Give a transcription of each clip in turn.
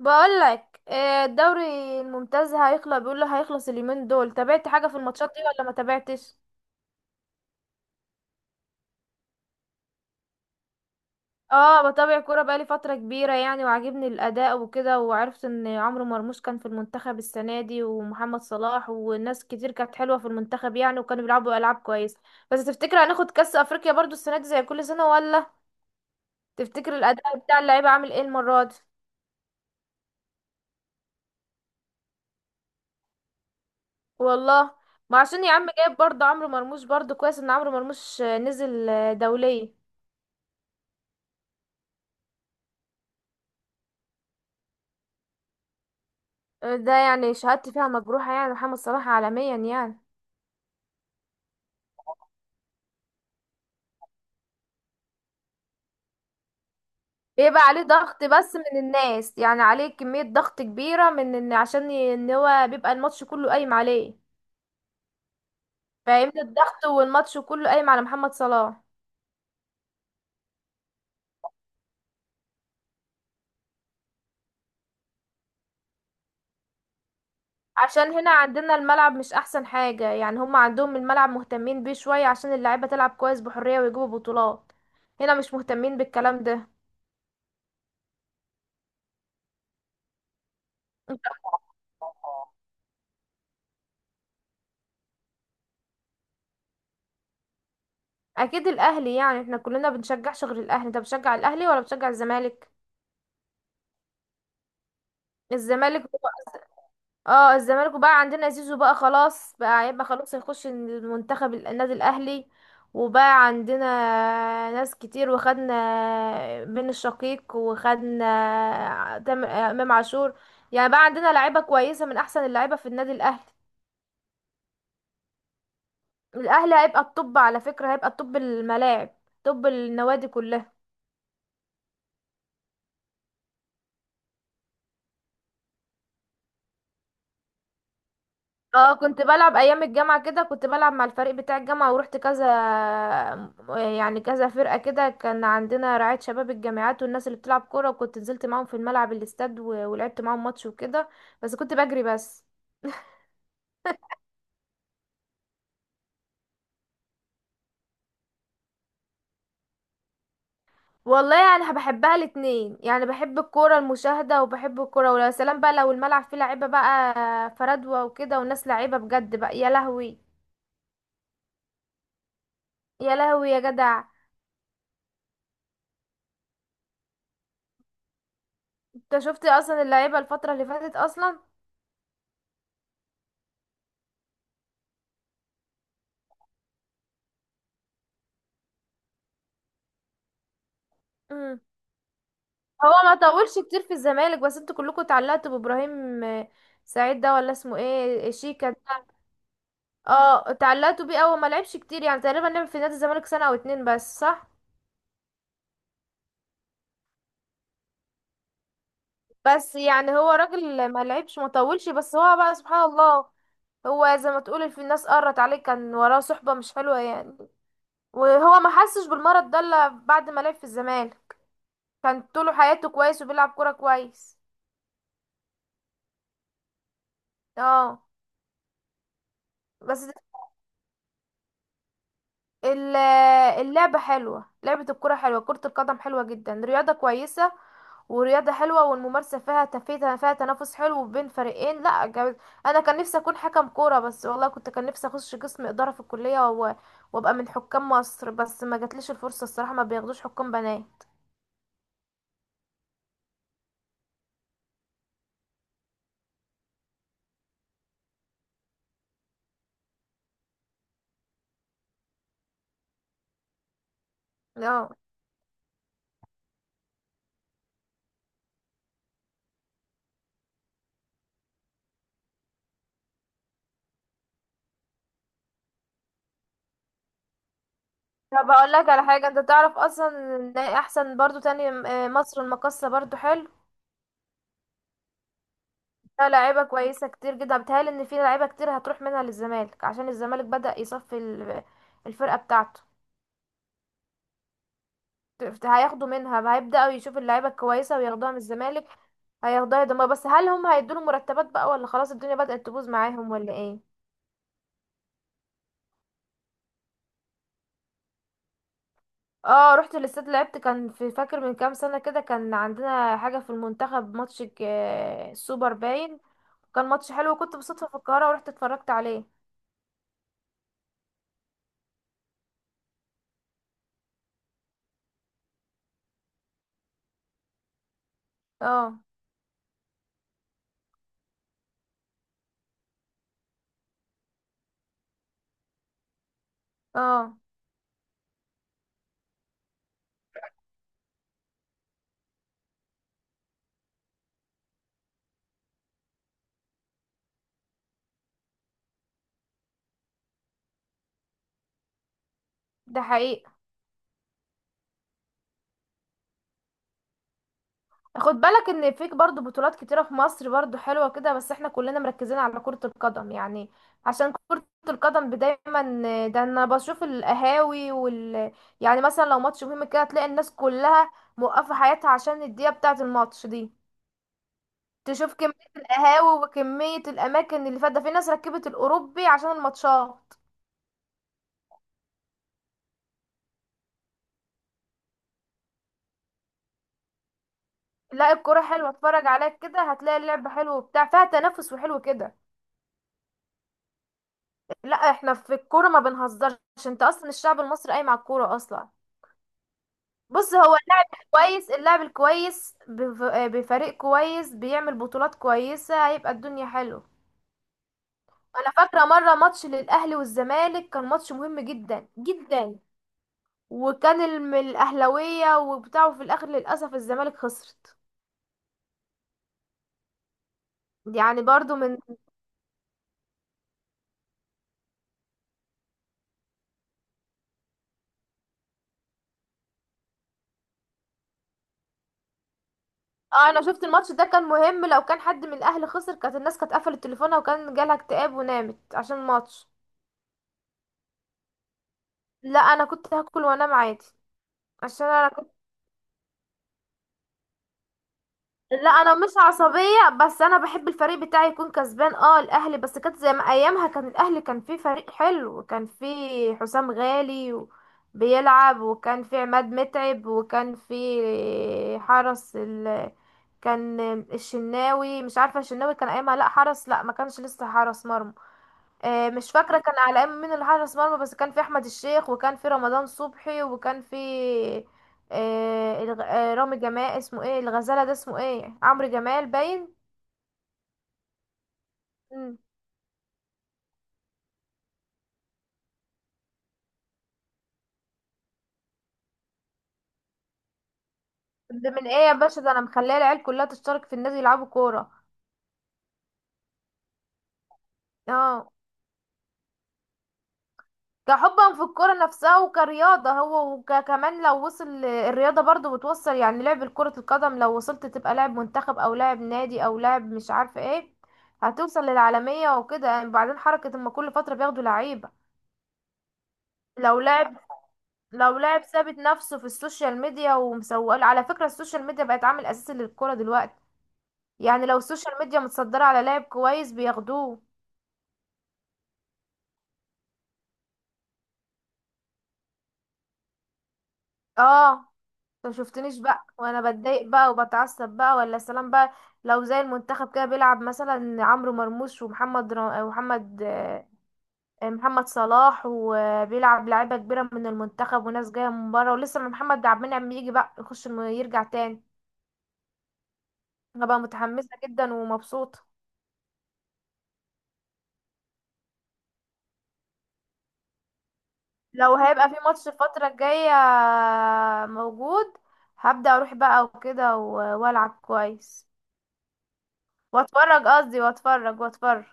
بقولك الدوري الممتاز هيخلص، بيقول له هيخلص اليومين دول. تابعت حاجة في الماتشات دي ولا ما تابعتش؟ اه، بتابع كورة بقالي فترة كبيرة يعني، وعاجبني الأداء وكده، وعرفت ان عمرو مرموش كان في المنتخب السنة دي ومحمد صلاح، والناس كتير كانت حلوة في المنتخب يعني، وكانوا بيلعبوا ألعاب كويسة. بس تفتكر هناخد كأس أفريقيا برضو السنة دي زي كل سنة ولا؟ تفتكر الأداء بتاع اللعيبة عامل ايه المرة دي؟ والله، ما عشان يا عم جايب برضو عمرو مرموش، برضو كويس ان عمرو مرموش نزل دولية. ده يعني شهادتي فيها مجروحة، يعني محمد صلاح عالميا يعني. بيبقى عليه ضغط بس من الناس، يعني عليه كمية ضغط كبيرة من ان عشان ان هو بيبقى الماتش كله قايم عليه. فاهمني؟ الضغط والماتش كله قايم على محمد صلاح. عشان هنا عندنا الملعب مش احسن حاجة يعني، هم عندهم الملعب مهتمين بيه شوية عشان اللعيبة تلعب كويس بحرية ويجيبوا بطولات. هنا مش مهتمين بالكلام ده. انت- اكيد الاهلي يعني، احنا كلنا بنشجعش غير الاهلي. انت بتشجع الاهلي ولا بتشجع الزمالك؟ الزمالك. اه الزمالك، وبقى عندنا زيزو بقى، خلاص بقى هيبقى خلاص هيخش المنتخب النادي الاهلي. وبقى عندنا ناس كتير، وخدنا بن الشقيق وخدنا امام عاشور، يعني بقى عندنا لعيبه كويسه من احسن اللعيبه في النادي الاهلي. الاهلي هيبقى الطب، على فكره، هيبقى الطب الملاعب، طب النوادي كلها. اه، كنت بلعب ايام الجامعه كده، كنت بلعب مع الفريق بتاع الجامعه، ورحت كذا يعني كذا فرقه كده، كان عندنا رعايه شباب الجامعات، والناس اللي بتلعب كوره، وكنت نزلت معاهم في الملعب الاستاد ولعبت معاهم ماتش وكده، بس كنت بجري بس. والله يعني بحبها الاتنين، يعني بحب الكوره المشاهده، وبحب الكوره، ويا سلام بقى لو الملعب فيه لعيبه بقى فردوه وكده، وناس لعيبه بجد بقى، يا لهوي يا لهوي يا جدع. انت شفت اصلا اللعيبه الفتره اللي فاتت اصلا؟ مم. هو ما طولش كتير في الزمالك، بس انتوا كلكم اتعلقتوا بابراهيم سعيد ده، ولا اسمه ايه، شيكا ده. اه، اتعلقتوا بيه، اول ما لعبش كتير، يعني تقريبا لعب في نادي الزمالك سنة او اتنين بس، صح. بس يعني هو راجل ما لعبش، ما طولش، بس هو بقى سبحان الله، هو زي ما تقول في الناس قرت عليه، كان وراه صحبة مش حلوة يعني، وهو ما حسش بالمرض ده الا بعد ما لعب في الزمالك، كان طول حياته كويس، وبيلعب كورة كويس. اه، بس ال- اللعبة حلوة، لعبة الكرة حلوة، كرة القدم حلوة جدا، رياضة كويسة، ورياضة حلوة، والممارسة فيها تفيتها، فيها تنافس حلو بين فريقين، لا جامد. أنا كان نفسي أكون حكم كورة، بس والله كنت كان نفسي أخش قسم إدارة في الكلية وأبقى من حكام مصر، بس ما جاتليش الفرصة الصراحة، ما بياخدوش حكام بنات. اه، طب أقول لك على حاجة، أنت تعرف أصلا إن أحسن برضو تاني مصر المقاصة برضو حلو. لا، لعيبة كويسة كتير جدا، بتهيألي ان في لعيبة كتير هتروح منها للزمالك، عشان الزمالك بدأ يصفي الفرقة بتاعته. هياخدوا منها، هيبدأوا يشوفوا اللعيبة الكويسة وياخدوها من الزمالك، هياخدوها يدمر، بس هل هم هيدوله مرتبات بقى ولا خلاص الدنيا بدأت تبوظ معاهم ولا ايه؟ اه، رحت الاستاد، لعبت، كان في فاكر من كام سنة كده، كان عندنا حاجة في المنتخب ماتش السوبر باين، كان ماتش حلو، وكنت بالصدفة في القاهرة ورحت اتفرجت عليه. اه، اه، ده حقيقي. خد بالك ان فيك برضو بطولات كتيرة في مصر برضو حلوة كده، بس احنا كلنا مركزين على كرة القدم يعني، عشان كرة القدم دايما، ده انا بشوف القهاوي يعني مثلا لو ماتش مهم كده، تلاقي الناس كلها موقفة حياتها عشان الدقيقة بتاعة الماتش دي. تشوف كمية القهاوي وكمية الأماكن اللي فات، ده في ناس ركبت الأوروبي عشان الماتشات. لا الكرة حلوة، اتفرج عليك كده هتلاقي اللعب حلو وبتاع، فيها تنافس وحلو كده. لا احنا في الكورة ما بنهزرش، انت اصلا الشعب المصري قايم على الكورة اصلا. بص، هو اللاعب الكويس، اللاعب الكويس بفريق كويس، بيعمل بطولات كويسة، هيبقى الدنيا حلوة. انا فاكرة مرة ماتش للاهلي والزمالك، كان ماتش مهم جدا جدا، وكان الاهلاوية وبتاعه، في الاخر للاسف الزمالك خسرت، يعني برضو من. اه، انا شفت الماتش ده كان مهم، لو كان حد من الاهلي خسر، كانت الناس كانت قفلت تليفونها، وكان جالها اكتئاب ونامت عشان الماتش. لا انا كنت هاكل وانام عادي عشان انا. لا انا مش عصبيه، بس انا بحب الفريق بتاعي يكون كسبان، اه الاهلي، بس كانت زي ما ايامها كان الاهلي، كان فيه فريق حلو، وكان فيه حسام غالي بيلعب، وكان فيه عماد متعب، وكان فيه حرس كان الشناوي مش عارفه، الشناوي كان ايامها، لا حرس، لا ما كانش لسه حرس مرمى، مش فاكرة كان على ايام مين اللي حارس مرمى، بس كان في احمد الشيخ، وكان في رمضان صبحي، وكان في رامي جمال، اسمه ايه، الغزالة ده اسمه ايه، عمرو جمال باين. مم. ده من ايه يا باشا، ده انا مخليه العيال كلها تشترك في النادي يلعبوا كورة. اه، كحبا في الكرة نفسها وكرياضة هو، وكمان لو وصل الرياضة برضو بتوصل، يعني لعب كرة القدم لو وصلت تبقى لاعب منتخب او لاعب نادي او لاعب مش عارفة ايه، هتوصل للعالمية وكده، يعني بعدين حركة اما كل فترة بياخدوا لعيبة. لو لاعب لو لاعب ثابت نفسه في السوشيال ميديا ومسوق، على فكرة السوشيال ميديا بقت عامل اساسي للكرة دلوقتي، يعني لو السوشيال ميديا متصدرة على لاعب كويس بياخدوه. اه، انت مشفتنيش بقى وانا بتضايق بقى وبتعصب بقى ولا سلام بقى. لو زي المنتخب كده بيلعب مثلا عمرو مرموش ومحمد را... ومحمد آه، محمد صلاح، وبيلعب لعيبه كبيره من المنتخب، وناس جايه من بره، ولسه ما محمد عبد المنعم يجي بقى يخش يرجع تاني، انا بقى متحمسه جدا ومبسوطه. لو هيبقى في ماتش الفتره الجايه موجود، هبدأ اروح بقى وكده والعب كويس واتفرج، قصدي واتفرج واتفرج.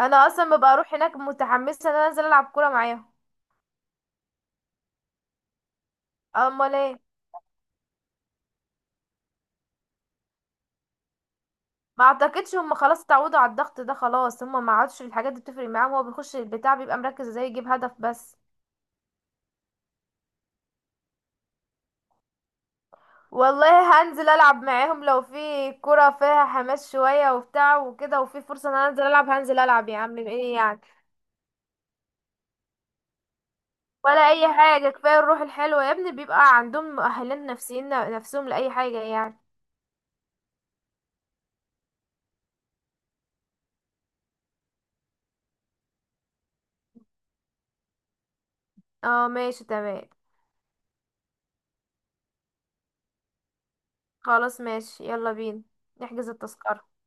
انا اصلا ببقى اروح هناك متحمسه ان انا انزل العب كوره معاهم. امال ايه. ما اعتقدش هم خلاص اتعودوا على الضغط ده، خلاص هم ما عادش الحاجات دي بتفرق معاهم، هو بيخش البتاع بيبقى مركز ازاي يجيب هدف بس. والله هنزل العب معاهم لو في كرة فيها حماس شويه وبتاع وكده، وفي فرصه ان انا انزل العب هنزل العب يا عم ايه يعني. ولا اي حاجه، كفايه الروح الحلوه يا ابني، بيبقى عندهم مؤهلات نفسيين نفسهم لاي حاجه يعني. اه ماشي تمام. خلاص ماشي، يلا بينا نحجز التذكره.